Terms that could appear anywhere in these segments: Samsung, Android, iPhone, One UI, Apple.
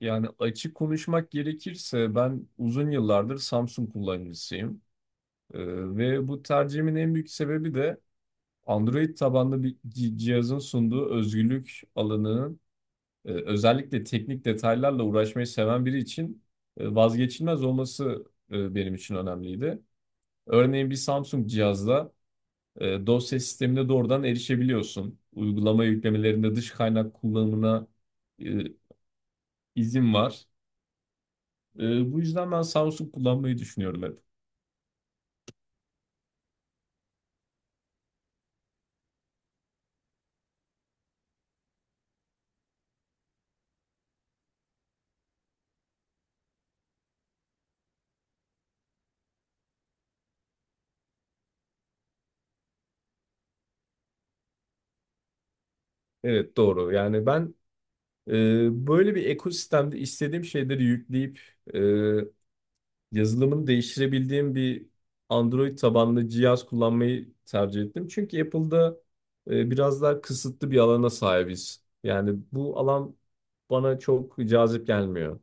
Yani açık konuşmak gerekirse ben uzun yıllardır Samsung kullanıcısıyım. Ee, Ve bu tercihimin en büyük sebebi de Android tabanlı bir cihazın sunduğu özgürlük alanının özellikle teknik detaylarla uğraşmayı seven biri için vazgeçilmez olması benim için önemliydi. Örneğin bir Samsung cihazda dosya sistemine doğrudan erişebiliyorsun. Uygulama yüklemelerinde dış kaynak kullanımına e, izin var. Bu yüzden ben Samsung kullanmayı düşünüyorum hep. Evet, doğru. Yani ben böyle bir ekosistemde istediğim şeyleri yükleyip e, yazılımını değiştirebildiğim bir Android tabanlı cihaz kullanmayı tercih ettim. Çünkü Apple'da biraz daha kısıtlı bir alana sahibiz. Yani bu alan bana çok cazip gelmiyor.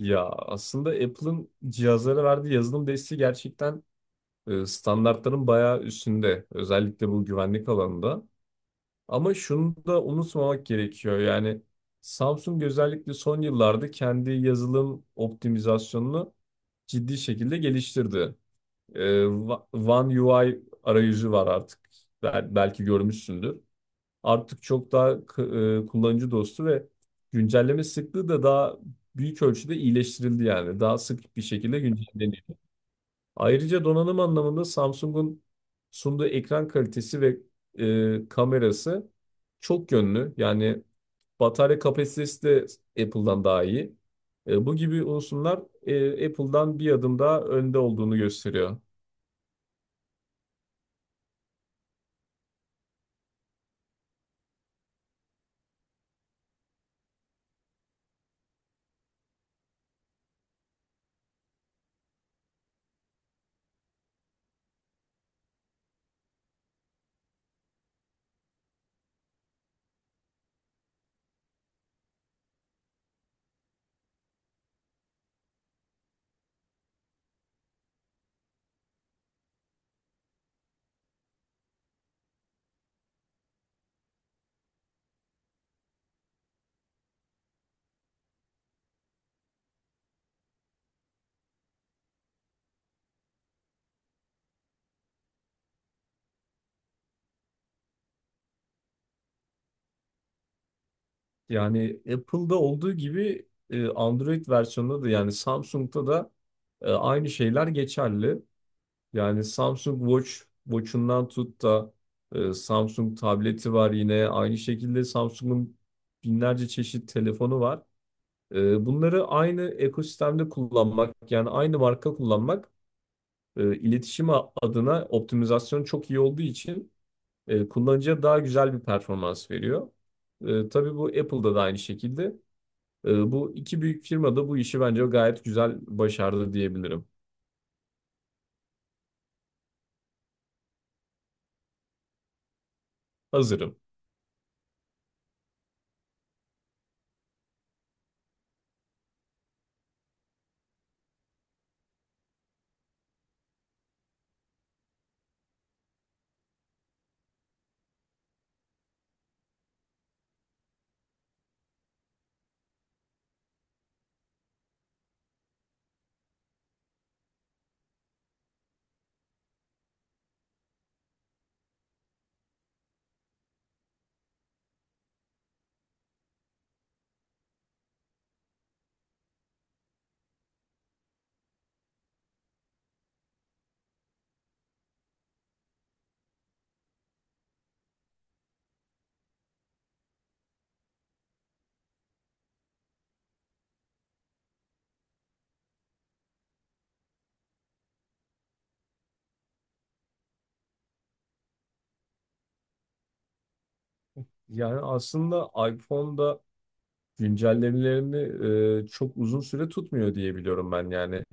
Ya aslında Apple'ın cihazlara verdiği yazılım desteği gerçekten standartların bayağı üstünde. Özellikle bu güvenlik alanında. Ama şunu da unutmamak gerekiyor. Yani Samsung özellikle son yıllarda kendi yazılım optimizasyonunu ciddi şekilde geliştirdi. Ee, One UI arayüzü var artık. Belki görmüşsündür. Artık çok daha kullanıcı dostu ve güncelleme sıklığı da daha büyük ölçüde iyileştirildi yani. Daha sık bir şekilde güncelleniyor. Ayrıca donanım anlamında Samsung'un sunduğu ekran kalitesi ve kamerası çok yönlü. Yani batarya kapasitesi de Apple'dan daha iyi. Bu gibi unsurlar Apple'dan bir adım daha önde olduğunu gösteriyor. Yani Apple'da olduğu gibi Android versiyonunda da, yani Samsung'da da aynı şeyler geçerli. Yani Samsung Watch, Watch'undan tut da Samsung tableti var yine. Aynı şekilde Samsung'un binlerce çeşit telefonu var. Bunları aynı ekosistemde kullanmak, yani aynı marka kullanmak, iletişim adına optimizasyon çok iyi olduğu için kullanıcıya daha güzel bir performans veriyor. Tabii bu Apple'da da aynı şekilde. Bu iki büyük firma da bu işi bence gayet güzel başardı diyebilirim. Hazırım. Yani aslında iPhone'da güncellemelerini çok uzun süre tutmuyor diye biliyorum ben yani.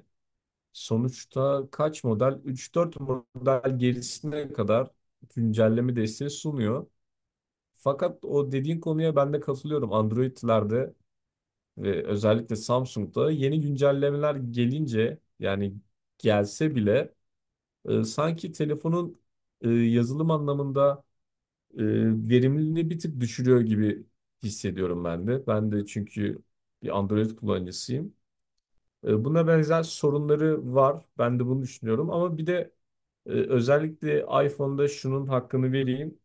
Sonuçta kaç model? Üç dört model gerisine kadar güncelleme desteği sunuyor. Fakat o dediğin konuya ben de katılıyorum. Android'lerde ve özellikle Samsung'da yeni güncellemeler gelince, yani gelse bile, sanki telefonun yazılım anlamında e, verimliliğini bir tık düşürüyor gibi hissediyorum ben de. Ben de, çünkü bir Android kullanıcısıyım. Buna benzer sorunları var. Ben de bunu düşünüyorum. Ama bir de özellikle iPhone'da şunun hakkını vereyim.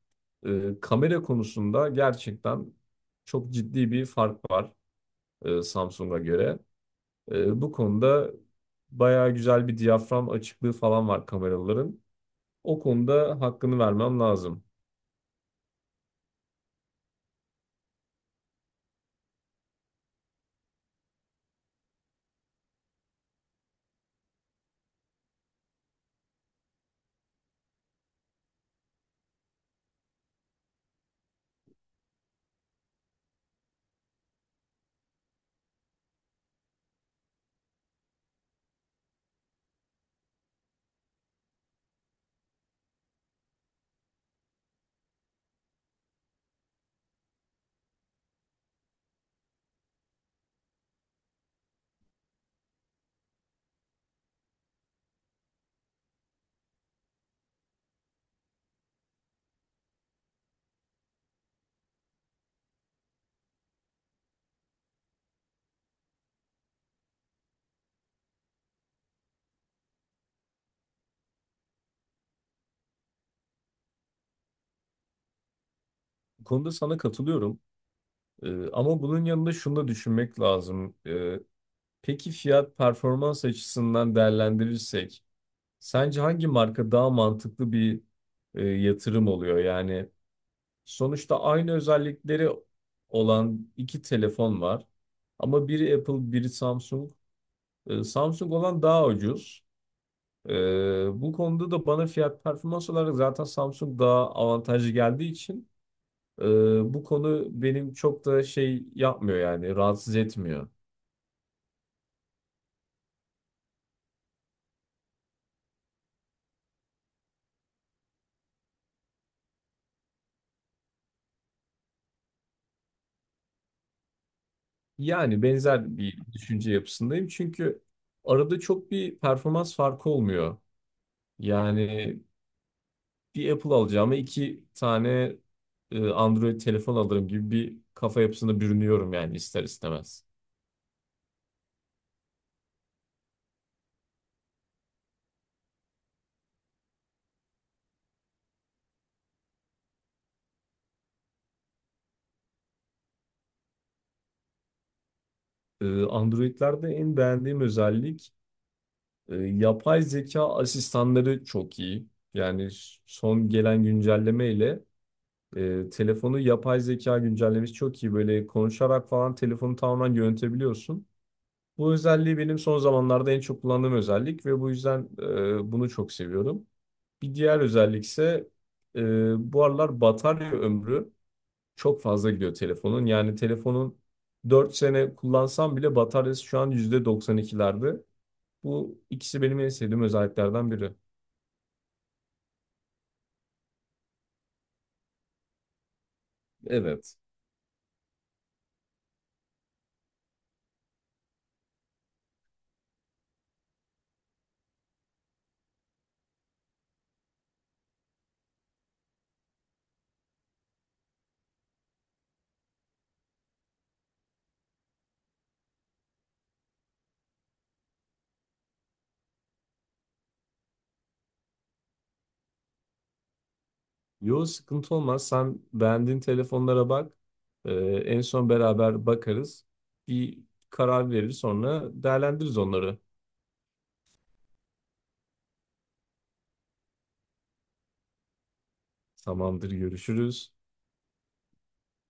Kamera konusunda gerçekten çok ciddi bir fark var Samsung'a göre. Bu konuda bayağı güzel bir diyafram açıklığı falan var kameraların. O konuda hakkını vermem lazım. Bu konuda sana katılıyorum. Ama bunun yanında şunu da düşünmek lazım. Peki fiyat performans açısından değerlendirirsek sence hangi marka daha mantıklı bir yatırım oluyor? Yani sonuçta aynı özellikleri olan iki telefon var. Ama biri Apple, biri Samsung. Samsung olan daha ucuz. E, Bu konuda da bana fiyat performans olarak zaten Samsung daha avantajlı geldiği için e, bu konu benim çok da şey yapmıyor, yani rahatsız etmiyor. Yani benzer bir düşünce yapısındayım çünkü arada çok bir performans farkı olmuyor. Yani bir Apple alacağıma iki tane Android telefon alırım gibi bir kafa yapısına bürünüyorum yani ister istemez. Android'lerde en beğendiğim özellik, yapay zeka asistanları çok iyi. Yani son gelen güncelleme ile telefonu yapay zeka güncellemesi çok iyi. Böyle konuşarak falan telefonu tamamen yönetebiliyorsun. Bu özelliği benim son zamanlarda en çok kullandığım özellik ve bu yüzden bunu çok seviyorum. Bir diğer özellik ise bu aralar batarya ömrü çok fazla gidiyor telefonun. Yani telefonun 4 sene kullansam bile bataryası şu an %92'lerde. Bu ikisi benim en sevdiğim özelliklerden biri. Evet. Yo, sıkıntı olmaz. Sen beğendiğin telefonlara bak. En son beraber bakarız. Bir karar verir, sonra değerlendiririz onları. Tamamdır, görüşürüz.